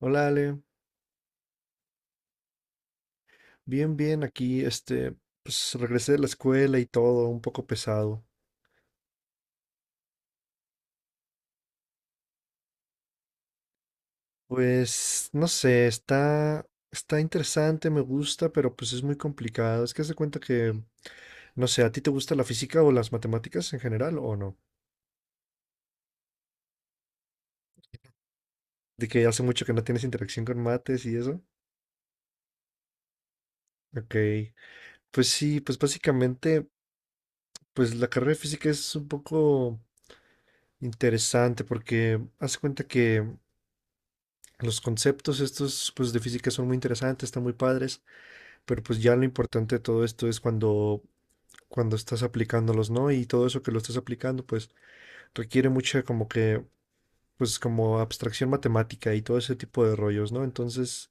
Hola Ale, bien, bien, aquí, pues regresé de la escuela y todo, un poco pesado. Pues, no sé, está interesante, me gusta, pero pues es muy complicado. Es que se cuenta no sé, ¿a ti te gusta la física o las matemáticas en general o no? De que hace mucho que no tienes interacción con mates y eso. Ok, pues sí, pues básicamente, pues la carrera de física es un poco interesante porque haz de cuenta que los conceptos estos, pues de física son muy interesantes, están muy padres. Pero pues ya lo importante de todo esto es cuando estás aplicándolos, ¿no? Y todo eso que lo estás aplicando, pues requiere mucha pues como abstracción matemática y todo ese tipo de rollos, ¿no? Entonces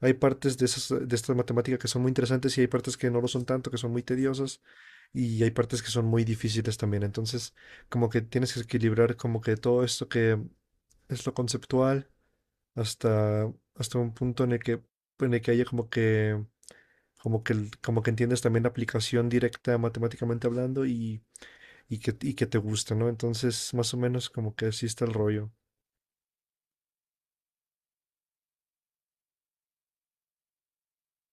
hay partes de esas, de esta matemática que son muy interesantes y hay partes que no lo son tanto, que son muy tediosas y hay partes que son muy difíciles también. Entonces como que tienes que equilibrar como que todo esto que es lo conceptual hasta un punto en el que haya como que entiendes también la aplicación directa matemáticamente hablando y que te gusta, ¿no? Entonces, más o menos como que así está el rollo.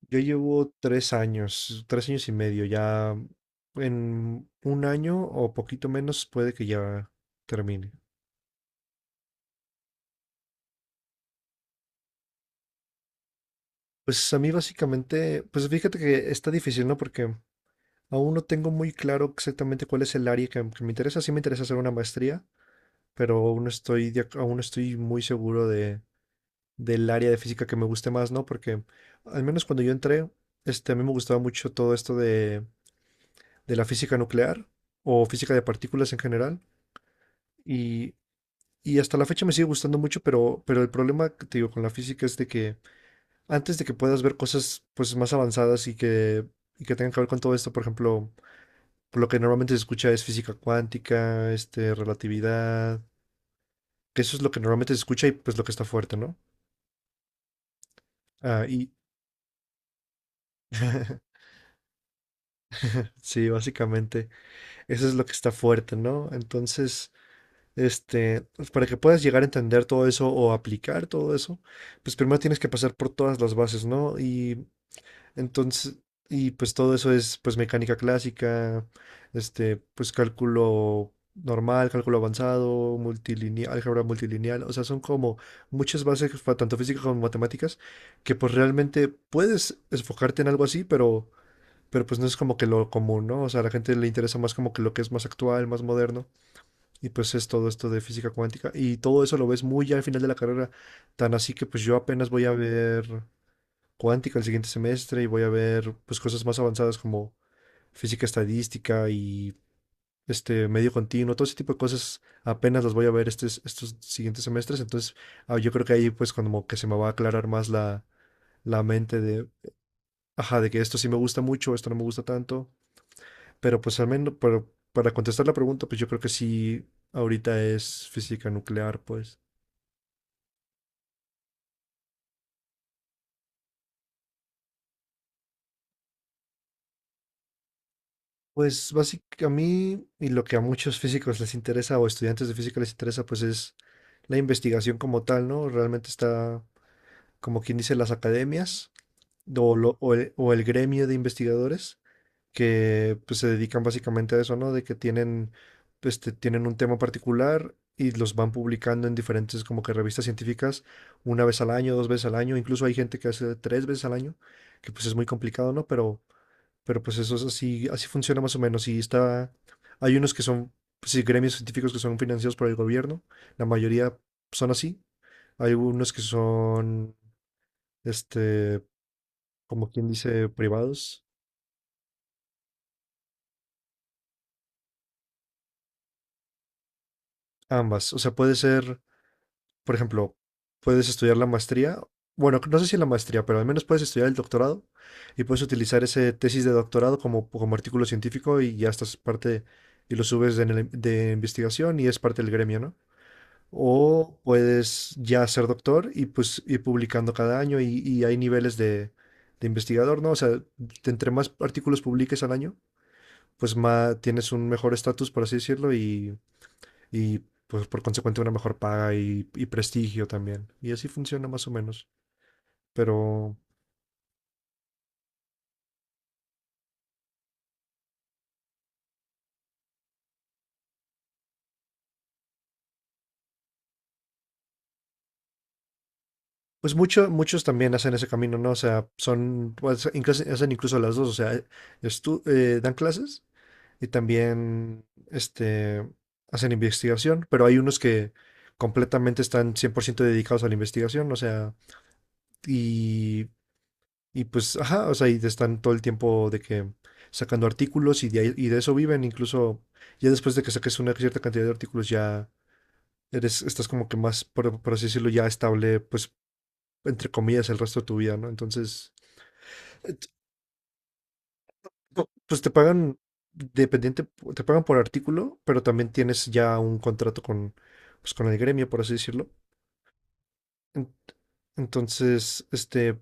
Yo llevo 3 años, 3 años y medio, ya en un año o poquito menos puede que ya termine. Pues a mí básicamente, pues fíjate que está difícil, ¿no? Porque aún no tengo muy claro exactamente cuál es el área que me interesa. Sí me interesa hacer una maestría, pero aún no estoy, aún no estoy muy seguro de del área de física que me guste más, ¿no? Porque al menos cuando yo entré, a mí me gustaba mucho todo esto de la física nuclear o física de partículas en general. Y, y hasta la fecha me sigue gustando mucho, pero el problema que te digo con la física es de que antes de que puedas ver cosas pues más avanzadas y que tengan que ver con todo esto, por ejemplo, por lo que normalmente se escucha es física cuántica, relatividad, que eso es lo que normalmente se escucha y pues lo que está fuerte, ¿no? Ah, y sí, básicamente. Eso es lo que está fuerte, ¿no? Entonces, pues, para que puedas llegar a entender todo eso o aplicar todo eso, pues primero tienes que pasar por todas las bases, ¿no? Y entonces, y pues todo eso es pues mecánica clásica, pues cálculo normal, cálculo avanzado, multilineal, álgebra multilineal, o sea, son como muchas bases, tanto físicas como matemáticas, que pues realmente puedes enfocarte en algo así, pero pues no es como que lo común, ¿no? O sea, a la gente le interesa más como que lo que es más actual, más moderno. Y pues es todo esto de física cuántica. Y todo eso lo ves muy ya al final de la carrera. Tan así que pues yo apenas voy a ver cuántica el siguiente semestre y voy a ver pues cosas más avanzadas como física estadística y este medio continuo. Todo ese tipo de cosas apenas las voy a ver estos siguientes semestres. Entonces ah, yo creo que ahí pues como que se me va a aclarar más la mente de, ajá, de que esto sí me gusta mucho, esto no me gusta tanto. Pero pues al menos, pero para contestar la pregunta, pues yo creo que sí, ahorita es física nuclear, pues. Pues básicamente a mí y lo que a muchos físicos les interesa o estudiantes de física les interesa, pues es la investigación como tal, ¿no? Realmente está, como quien dice, las academias o o el gremio de investigadores, que pues, se dedican básicamente a eso, ¿no? De que tienen un tema particular y los van publicando en diferentes como que revistas científicas una vez al año, dos veces al año, incluso hay gente que hace tres veces al año, que pues es muy complicado, ¿no? Pero pues eso es así, así funciona más o menos y está, hay unos que son, pues, sí, gremios científicos que son financiados por el gobierno, la mayoría son así, hay unos que son, este, como quien dice, privados. Ambas, o sea, puede ser... por ejemplo, puedes estudiar la maestría, bueno, no sé si la maestría, pero al menos puedes estudiar el doctorado y puedes utilizar ese tesis de doctorado como artículo científico y ya estás parte y lo subes de investigación y es parte del gremio, ¿no? O puedes ya ser doctor y pues ir publicando cada año y hay niveles de investigador, ¿no? O sea, entre más artículos publiques al año, pues más tienes un mejor estatus, por así decirlo, y pues por consecuente una mejor paga y prestigio también. Y así funciona más o menos. Pero pues mucho, muchos también hacen ese camino, ¿no? O sea, son, pues, hacen incluso las dos, o sea, dan clases y también este, hacen investigación, pero hay unos que completamente están 100% dedicados a la investigación, o sea, y Y pues, ajá, o sea, y están todo el tiempo de que sacando artículos y de eso viven. Incluso ya después de que saques una cierta cantidad de artículos, ya eres, estás como que más, por así decirlo, ya estable, pues, entre comillas, el resto de tu vida, ¿no? Entonces, eh, t- pues te pagan, dependiente, te pagan por artículo, pero también tienes ya un contrato con, pues, con el gremio, por así decirlo. En- Entonces,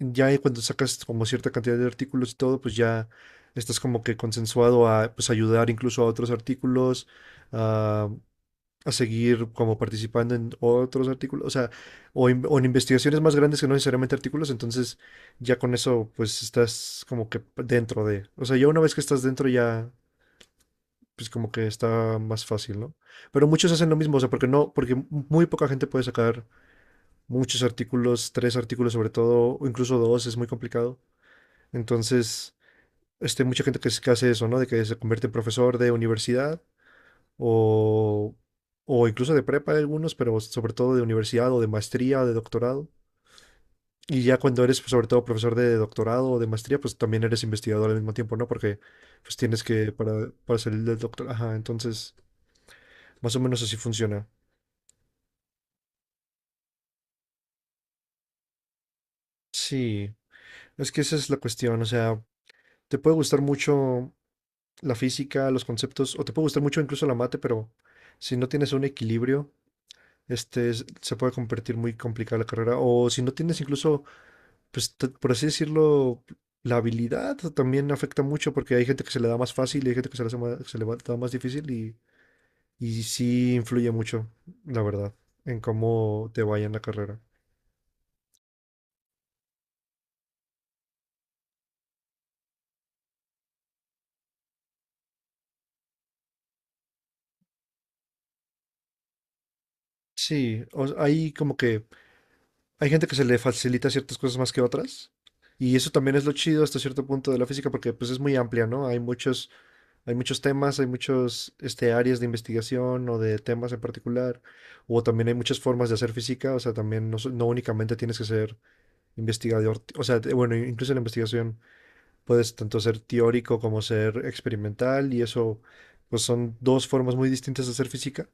ya ahí cuando sacas como cierta cantidad de artículos y todo, pues ya estás como que consensuado a pues ayudar incluso a otros artículos, a, a seguir como participando en otros artículos, o sea, o o en investigaciones más grandes que no necesariamente artículos, entonces ya con eso pues estás como que dentro de, o sea, ya una vez que estás dentro ya pues como que está más fácil, ¿no? Pero muchos hacen lo mismo, o sea, porque no, porque muy poca gente puede sacar muchos artículos, tres artículos sobre todo, o incluso dos, es muy complicado. Entonces, mucha gente que hace eso, ¿no? De que se convierte en profesor de universidad o, o incluso de prepa de algunos, pero sobre todo de universidad o de maestría o de doctorado. Y ya cuando eres, pues, sobre todo, profesor de doctorado o de maestría, pues también eres investigador al mismo tiempo, ¿no? Porque pues tienes para salir del doctor, ajá, entonces, más o menos así funciona. Sí, es que esa es la cuestión, o sea, te puede gustar mucho la física, los conceptos, o te puede gustar mucho incluso la mate, pero si no tienes un equilibrio, se puede convertir muy complicada la carrera. O si no tienes incluso, pues, por así decirlo, la habilidad también afecta mucho porque hay gente que se le da más fácil y hay gente que se le, hace ma- se le va- da más difícil y sí influye mucho, la verdad, en cómo te vaya en la carrera. Sí, hay como que hay gente que se le facilita ciertas cosas más que otras. Y eso también es lo chido hasta cierto punto de la física porque pues es muy amplia, ¿no? Hay muchos hay muchos temas, hay muchos este, áreas de investigación o de temas en particular, o también hay muchas formas de hacer física, o sea, también no únicamente tienes que ser investigador, o sea, bueno, incluso en la investigación puedes tanto ser teórico como ser experimental, y eso, pues son dos formas muy distintas de hacer física.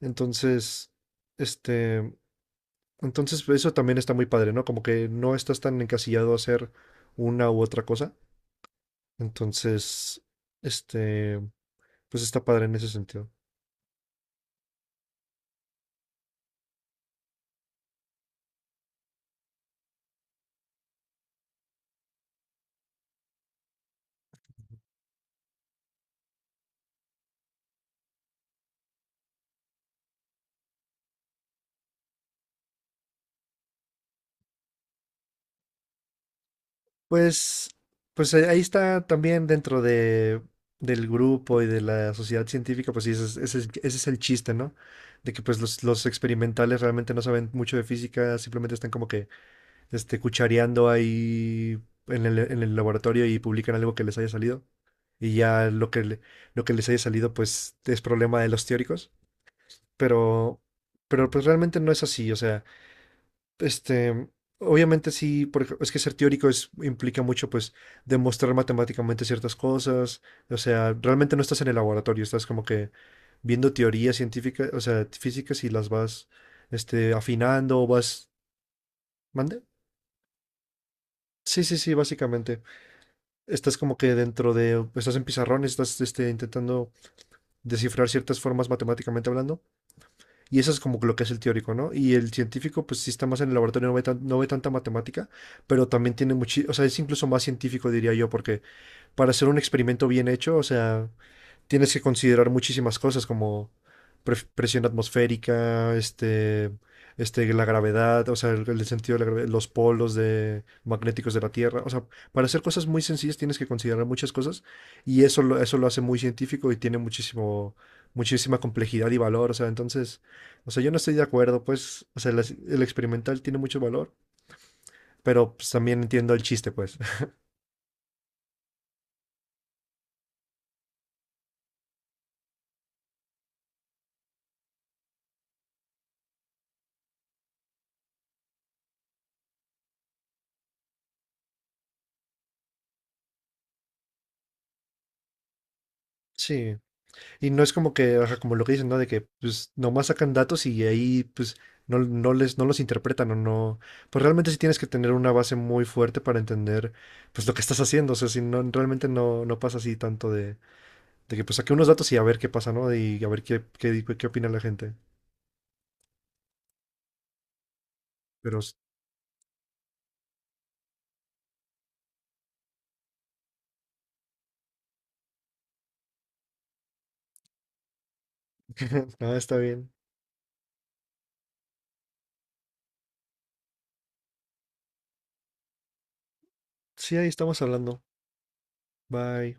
Entonces, este, entonces pues, eso también está muy padre, ¿no? Como que no estás tan encasillado a hacer una u otra cosa. Entonces, este... pues está padre en ese sentido. Pues, pues ahí ahí está también dentro de, del grupo y de la sociedad científica, pues sí, ese es el chiste, ¿no? De que pues los experimentales realmente no saben mucho de física, simplemente están como que cuchareando ahí en en el laboratorio y publican algo que les haya salido. Y ya lo lo que les haya salido, pues es problema de los teóricos. Pero, pero pues realmente no es así. O sea, este, obviamente sí, es que ser teórico es, implica mucho, pues, demostrar matemáticamente ciertas cosas. O sea, realmente no estás en el laboratorio, estás como que viendo teorías científicas, o sea, físicas y las vas, afinando, vas... ¿Mande? Sí, sí, sí, básicamente. Estás como que dentro de, estás en pizarrón, estás este, intentando descifrar ciertas formas matemáticamente hablando, y eso es como que lo que es el teórico, ¿no? Y el científico, pues sí está más en el laboratorio, no no ve tanta matemática, pero también tiene mucho, o sea, es incluso más científico, diría yo, porque para hacer un experimento bien hecho, o sea, tienes que considerar muchísimas cosas como presión atmosférica, la gravedad, o sea, el sentido de la gravedad, los polos de, magnéticos de la Tierra. O sea, para hacer cosas muy sencillas tienes que considerar muchas cosas y eso eso lo hace muy científico y tiene muchísimo, muchísima complejidad y valor. O sea, entonces, o sea, yo no estoy de acuerdo, pues, o sea, el experimental tiene mucho valor, pero pues, también entiendo el chiste, pues. Sí. Y no es como que, o sea, como lo que dicen, ¿no? De que pues nomás sacan datos y ahí pues no, no los interpretan o no. Pues realmente sí tienes que tener una base muy fuerte para entender pues lo que estás haciendo. O sea, si no, realmente no pasa así tanto de que pues saqué unos datos y a ver qué pasa, ¿no? Y a ver qué, qué, qué opina la gente. Pero nada, está bien. Sí, ahí estamos hablando. Bye.